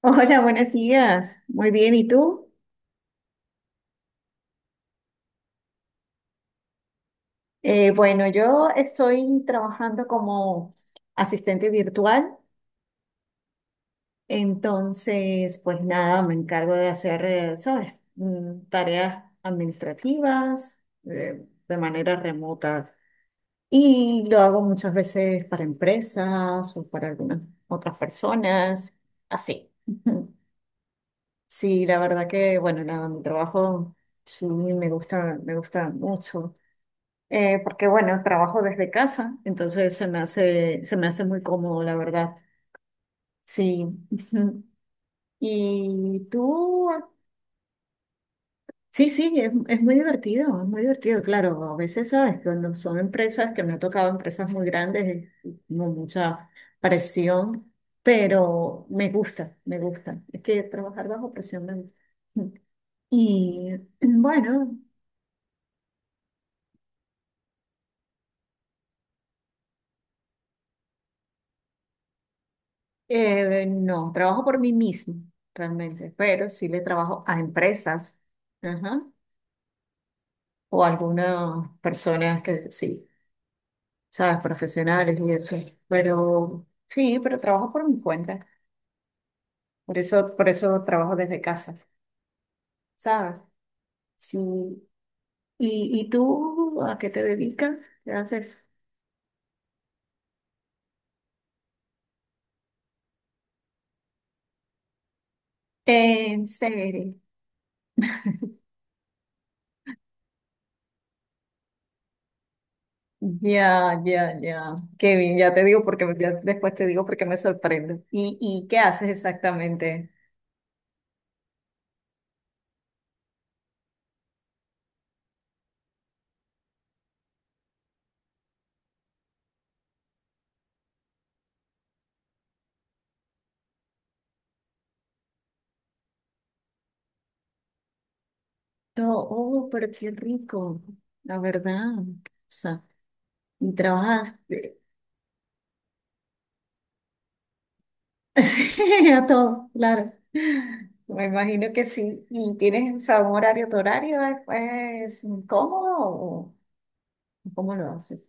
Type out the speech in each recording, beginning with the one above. Hola, buenos días. Muy bien, ¿y tú? Bueno, yo estoy trabajando como asistente virtual, entonces, pues nada, me encargo de hacer, ¿sabes? Tareas administrativas, de manera remota. Y lo hago muchas veces para empresas o para algunas otras personas, así. Sí, la verdad que, bueno, nada, mi trabajo sí me gusta mucho. Porque bueno, trabajo desde casa, entonces se me hace muy cómodo, la verdad. Sí. Ujú. Y tú, sí, sí, es muy divertido, es muy divertido, claro. A veces, ¿sabes? Cuando son empresas que me han tocado, empresas muy grandes, es como mucha presión, pero me gusta, me gusta. Es que trabajar bajo presión me gusta. Y bueno, No, trabajo por mí mismo, realmente, pero sí le trabajo a empresas, ajá, o a algunas personas que sí, sabes, profesionales y eso. Pero sí, pero trabajo por mi cuenta. Por eso trabajo desde casa, ¿sabes? Sí. ¿Y tú a qué te dedicas? ¿Qué haces? En serio. Ya, ya, ya. Qué bien, ya te digo porque ya después te digo porque me sorprende. ¿Y qué haces exactamente? Pero, oh, pero qué rico, la verdad. O sea, y trabajaste sí, a todo, claro. Me imagino que sí. ¿Y tienes, o sea, un horario, tu horario es cómodo o cómo lo haces?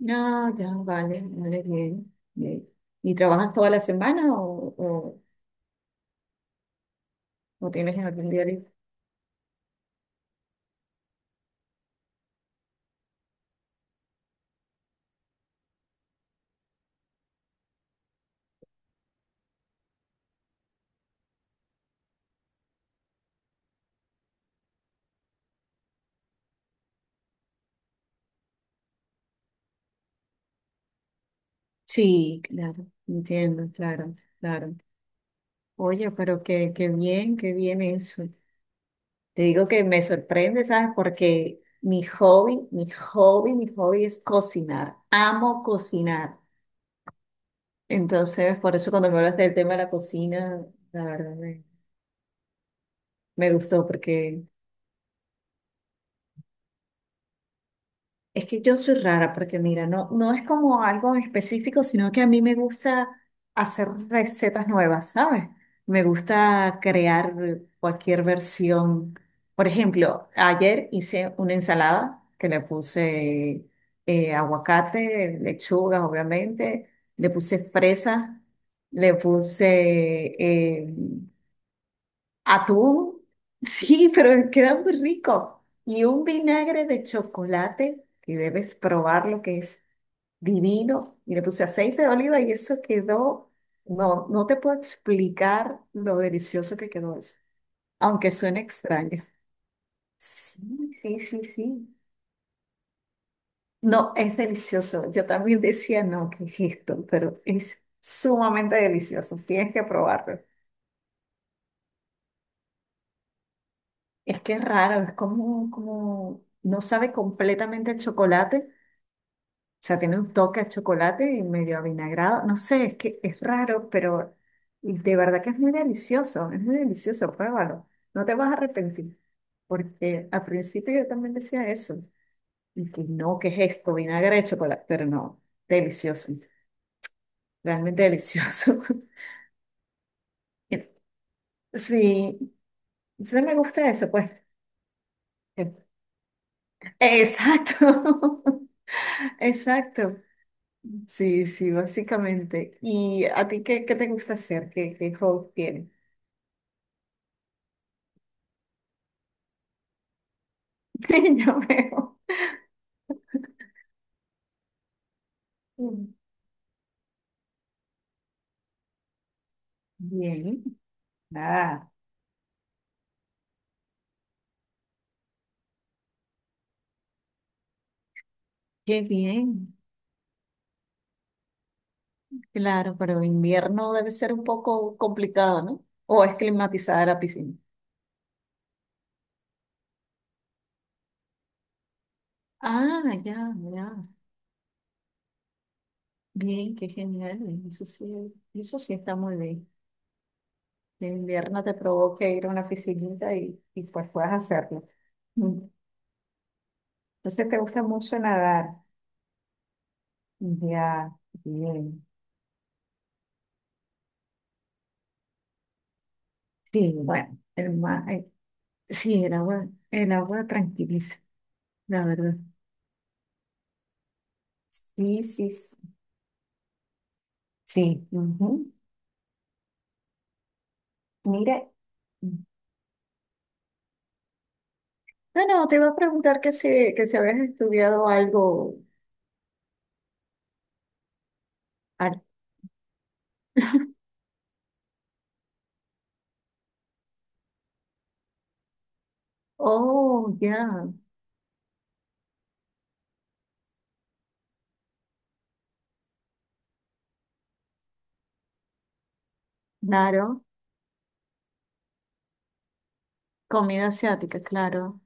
No, ya, vale, vale, bien, bien. ¿Y trabajas toda la semana o tienes algún día libre? Sí, claro, entiendo, claro, claro. Oye, pero qué bien, qué bien eso. Te digo que me sorprende, ¿sabes? Porque mi hobby es cocinar. Amo cocinar. Entonces, por eso cuando me hablaste del tema de la cocina, la verdad me gustó porque. Es que yo soy rara porque mira, no, no es como algo en específico, sino que a mí me gusta hacer recetas nuevas, ¿sabes? Me gusta crear cualquier versión. Por ejemplo, ayer hice una ensalada que le puse aguacate, lechugas, obviamente, le puse fresas, le puse atún, sí, pero queda muy rico. Y un vinagre de chocolate, que debes probar lo que es divino. Y le puse aceite de oliva y eso quedó, no, no te puedo explicar lo delicioso que quedó eso, aunque suene extraño. Sí, sí, sí, sí. No, es delicioso. Yo también decía, no, ¿qué es esto? Pero es sumamente delicioso. Tienes que probarlo. Es que es raro, es como, no sabe completamente el chocolate, sea, tiene un toque a chocolate y medio avinagrado. No sé, es que es raro, pero de verdad que es muy delicioso, pruébalo. No te vas a arrepentir, porque al principio yo también decía eso, y que no, ¿qué es esto? Vinagre de chocolate, pero no, delicioso, realmente delicioso. Sí, sí me gusta eso, pues. Exacto, exacto. Sí, sí, básicamente. ¿Y a ti qué te gusta hacer? ¿Qué hobby tienes? Ya veo. Bien. Ah, qué bien. Claro, pero invierno debe ser un poco complicado, ¿no? O es climatizada la piscina. Ah, ya, ya. Bien, qué genial. Eso sí, eso sí está muy bien. Que invierno te provoca ir a una piscinita y pues puedas hacerlo. Mm. Entonces te gusta mucho nadar. Ya, bien. Sí, bueno, el mar, sí, el agua tranquiliza, la verdad. Sí, sí, sí. Sí. Ujú. Mira, no, no, te iba a preguntar que si habías estudiado algo. ar- Oh, ya, claro. Comida asiática, claro.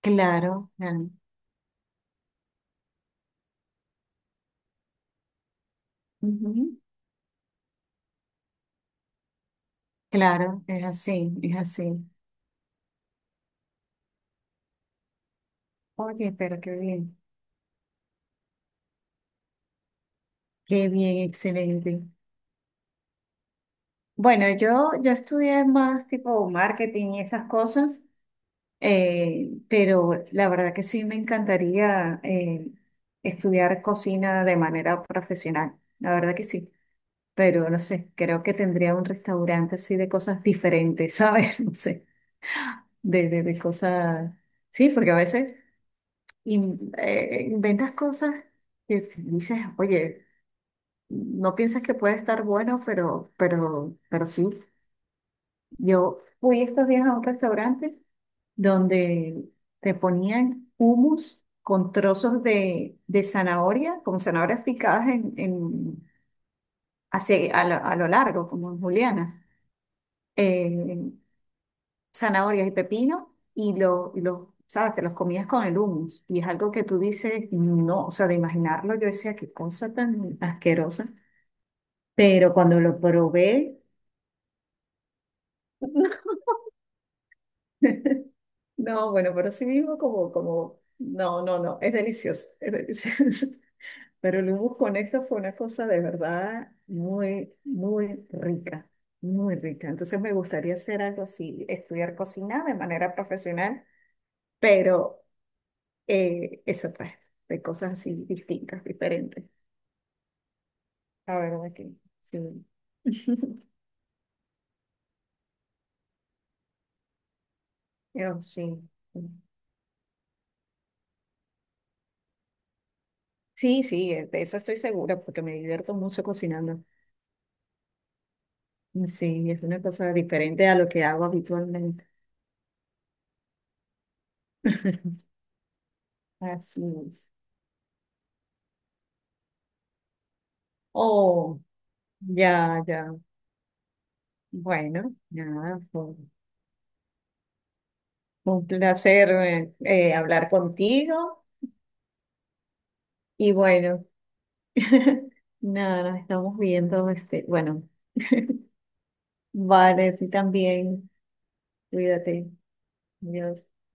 Claro, claro. Ujú. Claro, es así, es así. Oye, pero qué bien. Qué bien, excelente. Bueno, yo estudié más tipo marketing y esas cosas. Pero la verdad que sí me encantaría estudiar cocina de manera profesional, la verdad que sí, pero no sé, creo que tendría un restaurante así de cosas diferentes, ¿sabes? No sé, de cosas, sí, porque a veces inventas cosas que dices, oye, no piensas que puede estar bueno, pero sí, yo fui estos días a un restaurante, donde te ponían hummus con trozos de zanahoria, con zanahorias picadas a lo, largo, como en julianas, eh, zanahorias y pepino, ¿sabes? Te los comías con el hummus, y es algo que tú dices, no, o sea, de imaginarlo, yo decía, qué cosa tan asquerosa, pero cuando lo probé, no, bueno, pero sí mismo como, no, no, no, es delicioso, es delicioso. Pero el humus con esto fue una cosa de verdad muy, muy rica, muy rica. Entonces me gustaría hacer algo así, estudiar cocina de manera profesional, pero eso pues, de cosas así distintas, diferentes. A ver, ¿de qué? Sí. Pero sí. Sí, sí, de eso estoy segura, porque me divierto mucho cocinando. Sí, es una cosa diferente a lo que hago habitualmente. Así es. Oh, ya, ya. Bueno, nada, fue un placer hablar contigo y bueno, nada, nos estamos viendo, este, bueno, vale, tú también, cuídate, adiós.